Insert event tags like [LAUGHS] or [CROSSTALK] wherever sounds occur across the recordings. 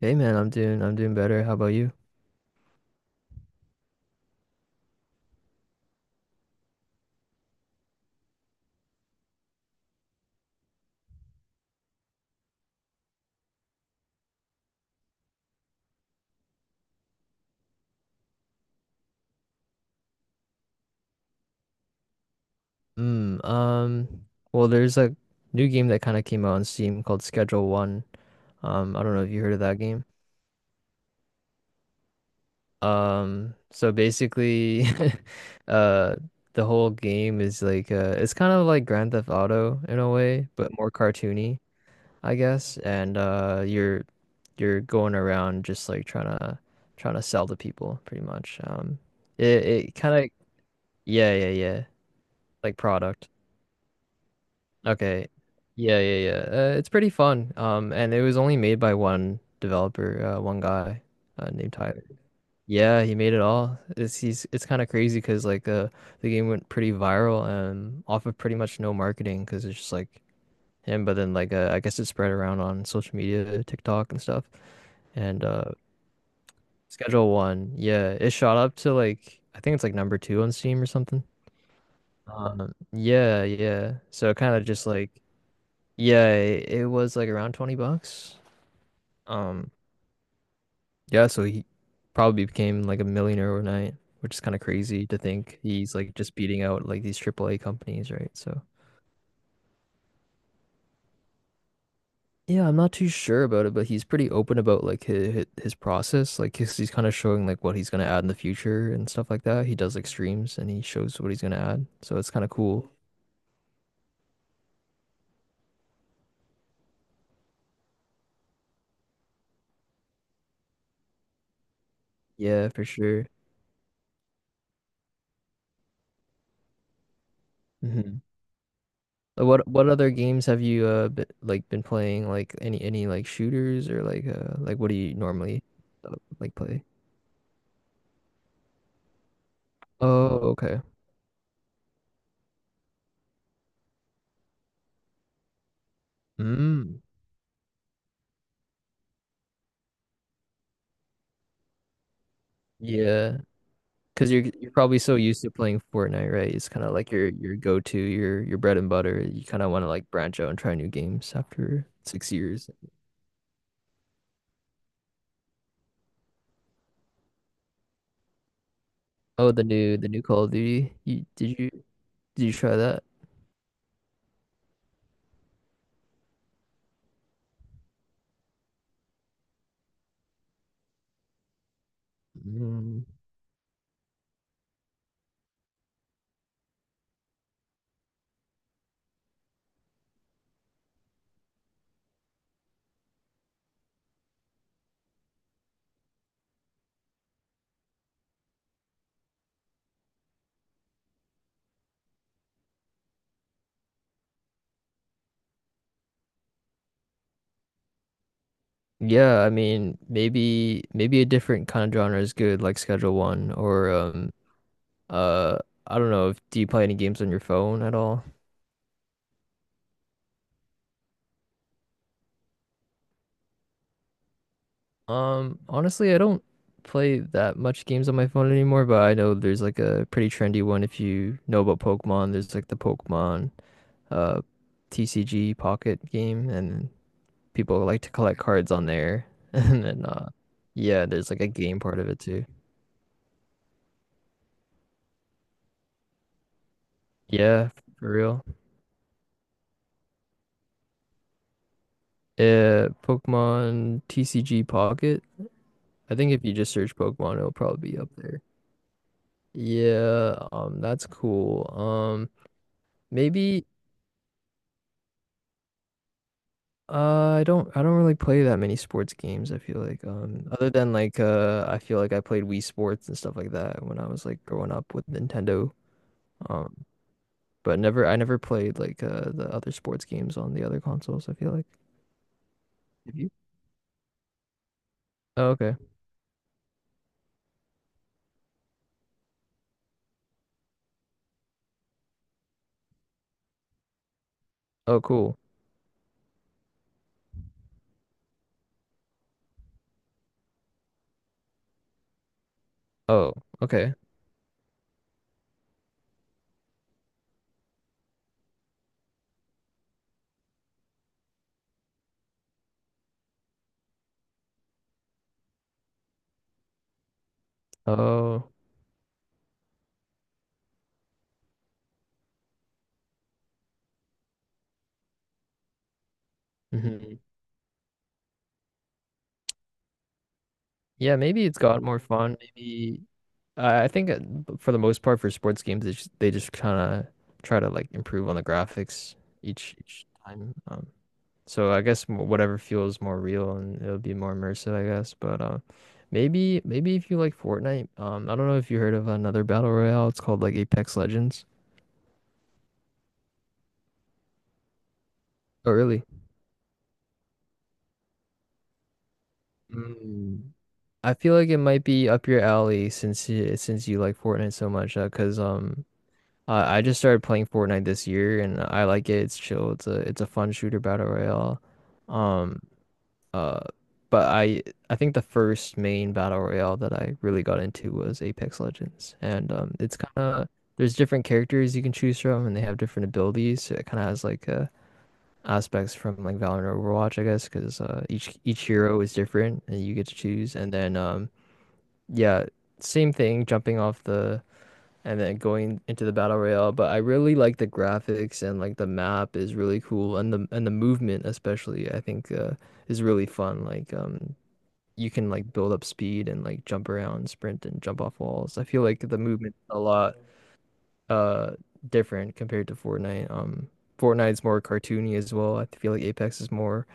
Hey man, I'm doing better. How about you? Mm, um, well, there's a new game that kind of came out on Steam called Schedule One. I don't know if you heard of that game. So basically, [LAUGHS] uh, the whole game is it's kind of like Grand Theft Auto in a way, but more cartoony. I guess, and you're going around just like trying to sell to people, pretty much. It it kind of yeah, yeah, yeah, like product. Okay, yeah, yeah, yeah. It's pretty fun. And it was only made by one developer, one guy, named Tyler. Yeah, he made it all. It's kind of crazy because the game went pretty viral off of pretty much no marketing because it's just like him, but then I guess it spread around on social media, TikTok and stuff. And Schedule One, yeah, it shot up to I think it's like number two on Steam or something. Yeah, yeah. So kind of just like yeah, it was like around $20. Um, yeah, so he probably became like a millionaire overnight, which is kind of crazy to think he's like just beating out like these AAA companies, right? So yeah, I'm not too sure about it, but he's pretty open about like his process. Like he's kind of showing like what he's gonna add in the future and stuff like that. He does like streams and he shows what he's gonna add, so it's kind of cool. Yeah, for sure. hmm what other games have you been, like been playing? Like any like shooters or like what do you normally uh, like play? Oh, okay. Mm. Yeah. Because you're probably so used to playing Fortnite, right? It's kind of like your go-to, your bread and butter. You kind of want to like branch out and try new games after 6 years. Oh, the new Call of Duty. Did you try that? Mm, yeah, I mean maybe a different kind of genre is good, like Schedule One or uh I don't know if do you play any games on your phone at all? Honestly, I don't play that much games on my phone anymore, but I know there's like a pretty trendy one if you know about Pokemon. There's like the Pokemon uh TCG Pocket game, and people like to collect cards on there. [LAUGHS] And then Yeah, there's like a game part of it too. Yeah, for real. Pokemon TCG Pocket. I think if you just search Pokemon, it'll probably be up there. Yeah, that's cool. Maybe I don't really play that many sports games, I feel like. Other than like I feel like I played Wii Sports and stuff like that when I was like growing up with Nintendo. Um, but never I never played like the other sports games on the other consoles, I feel like. Have you? Oh, okay. Oh, cool. Oh, okay. Oh. hmm Yeah, maybe it's got more fun. Maybe I think for the most part for sports games, they just kind of try to like improve on the graphics each time. So I guess whatever feels more real and it'll be more immersive, I guess. But maybe if you like Fortnite, I don't know if you heard of another battle royale. It's called like Apex Legends. Oh, really? Mm. I feel like it might be up your alley since since you like Fortnite so much, 'cause I just started playing Fortnite this year and I like it. It's chill. It's a fun shooter battle royale. Um uh but I think the first main battle royale that I really got into was Apex Legends. And it's kind of there's different characters you can choose from and they have different abilities. So it kind of has aspects from like Valorant or Overwatch, I guess, 'cause each hero is different and you get to choose, and then yeah, same thing jumping off the and then going into the battle royale. But I really like the graphics and like the map is really cool, and the movement especially I think is really fun. Like you can like build up speed and like jump around, sprint and jump off walls. I feel like the movement a lot uh different compared to Fortnite. Fortnite's more cartoony as well. I feel like Apex is more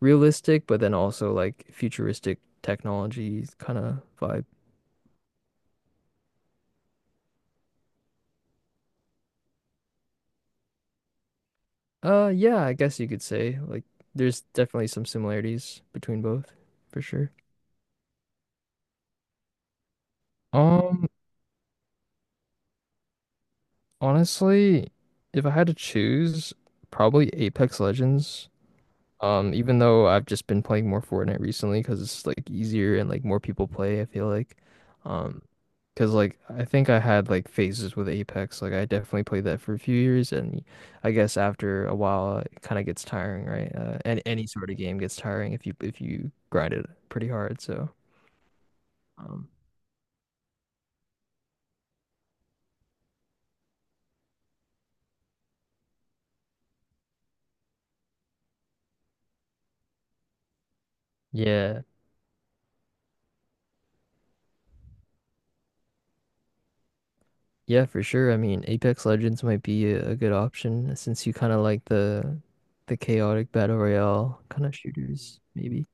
realistic, but then also like futuristic technology kind of vibe. Yeah, I guess you could say like there's definitely some similarities between both, for sure. Um, Honestly, if I had to choose, probably Apex Legends. Even though I've just been playing more Fortnite recently because it's like easier and like more people play, I feel like. Um, because like I think I had like phases with Apex. Like I definitely played that for a few years, and I guess after a while it kind of gets tiring, right? And any sort of game gets tiring if you grind it pretty hard, so. Um, yeah, yeah, for sure. I mean, Apex Legends might be a good option since you kind of like the chaotic battle royale kind of shooters, maybe.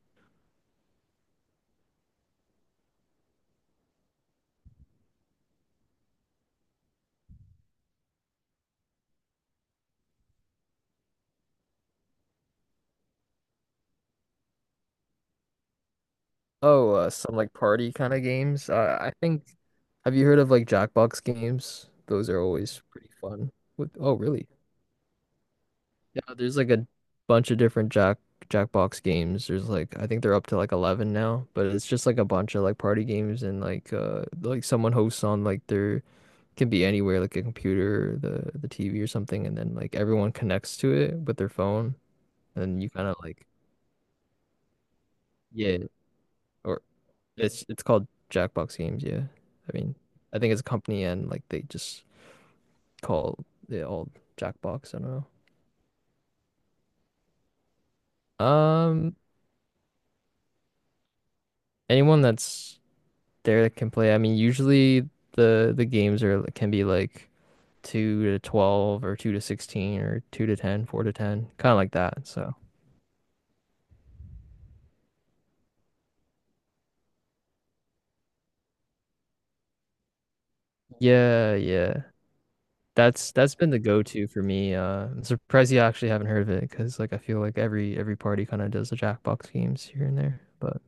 Oh, some like party kind of games. I think. Have you heard of like Jackbox games? Those are always pretty fun. What, oh, really? Yeah, there's like a bunch of different Jackbox games. There's like I think they're up to like 11 now, but it's just like a bunch of like party games and like someone hosts on like their can be anywhere, like a computer, the TV or something, and then like everyone connects to it with their phone, and then you kind of like yeah, or it's called Jackbox Games. Yeah, I mean, I think it's a company, and like they just call it all Jackbox. I don't know. Anyone that's there that can play. I mean, usually the games are like, can be like two to 12 or two to 16 or two to ten, four to 10, kind of like that. So, yeah, yeah. That's been the go-to for me. I'm surprised you actually haven't heard of it because like I feel like every party kind of does the Jackbox games here and there. But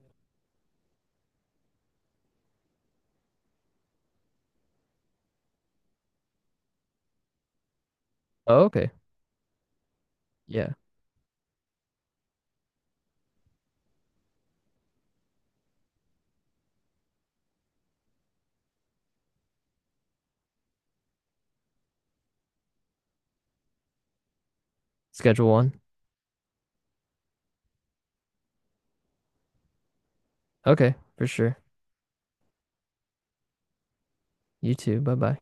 oh, okay, yeah, Schedule One. Okay, for sure. You too. Bye bye.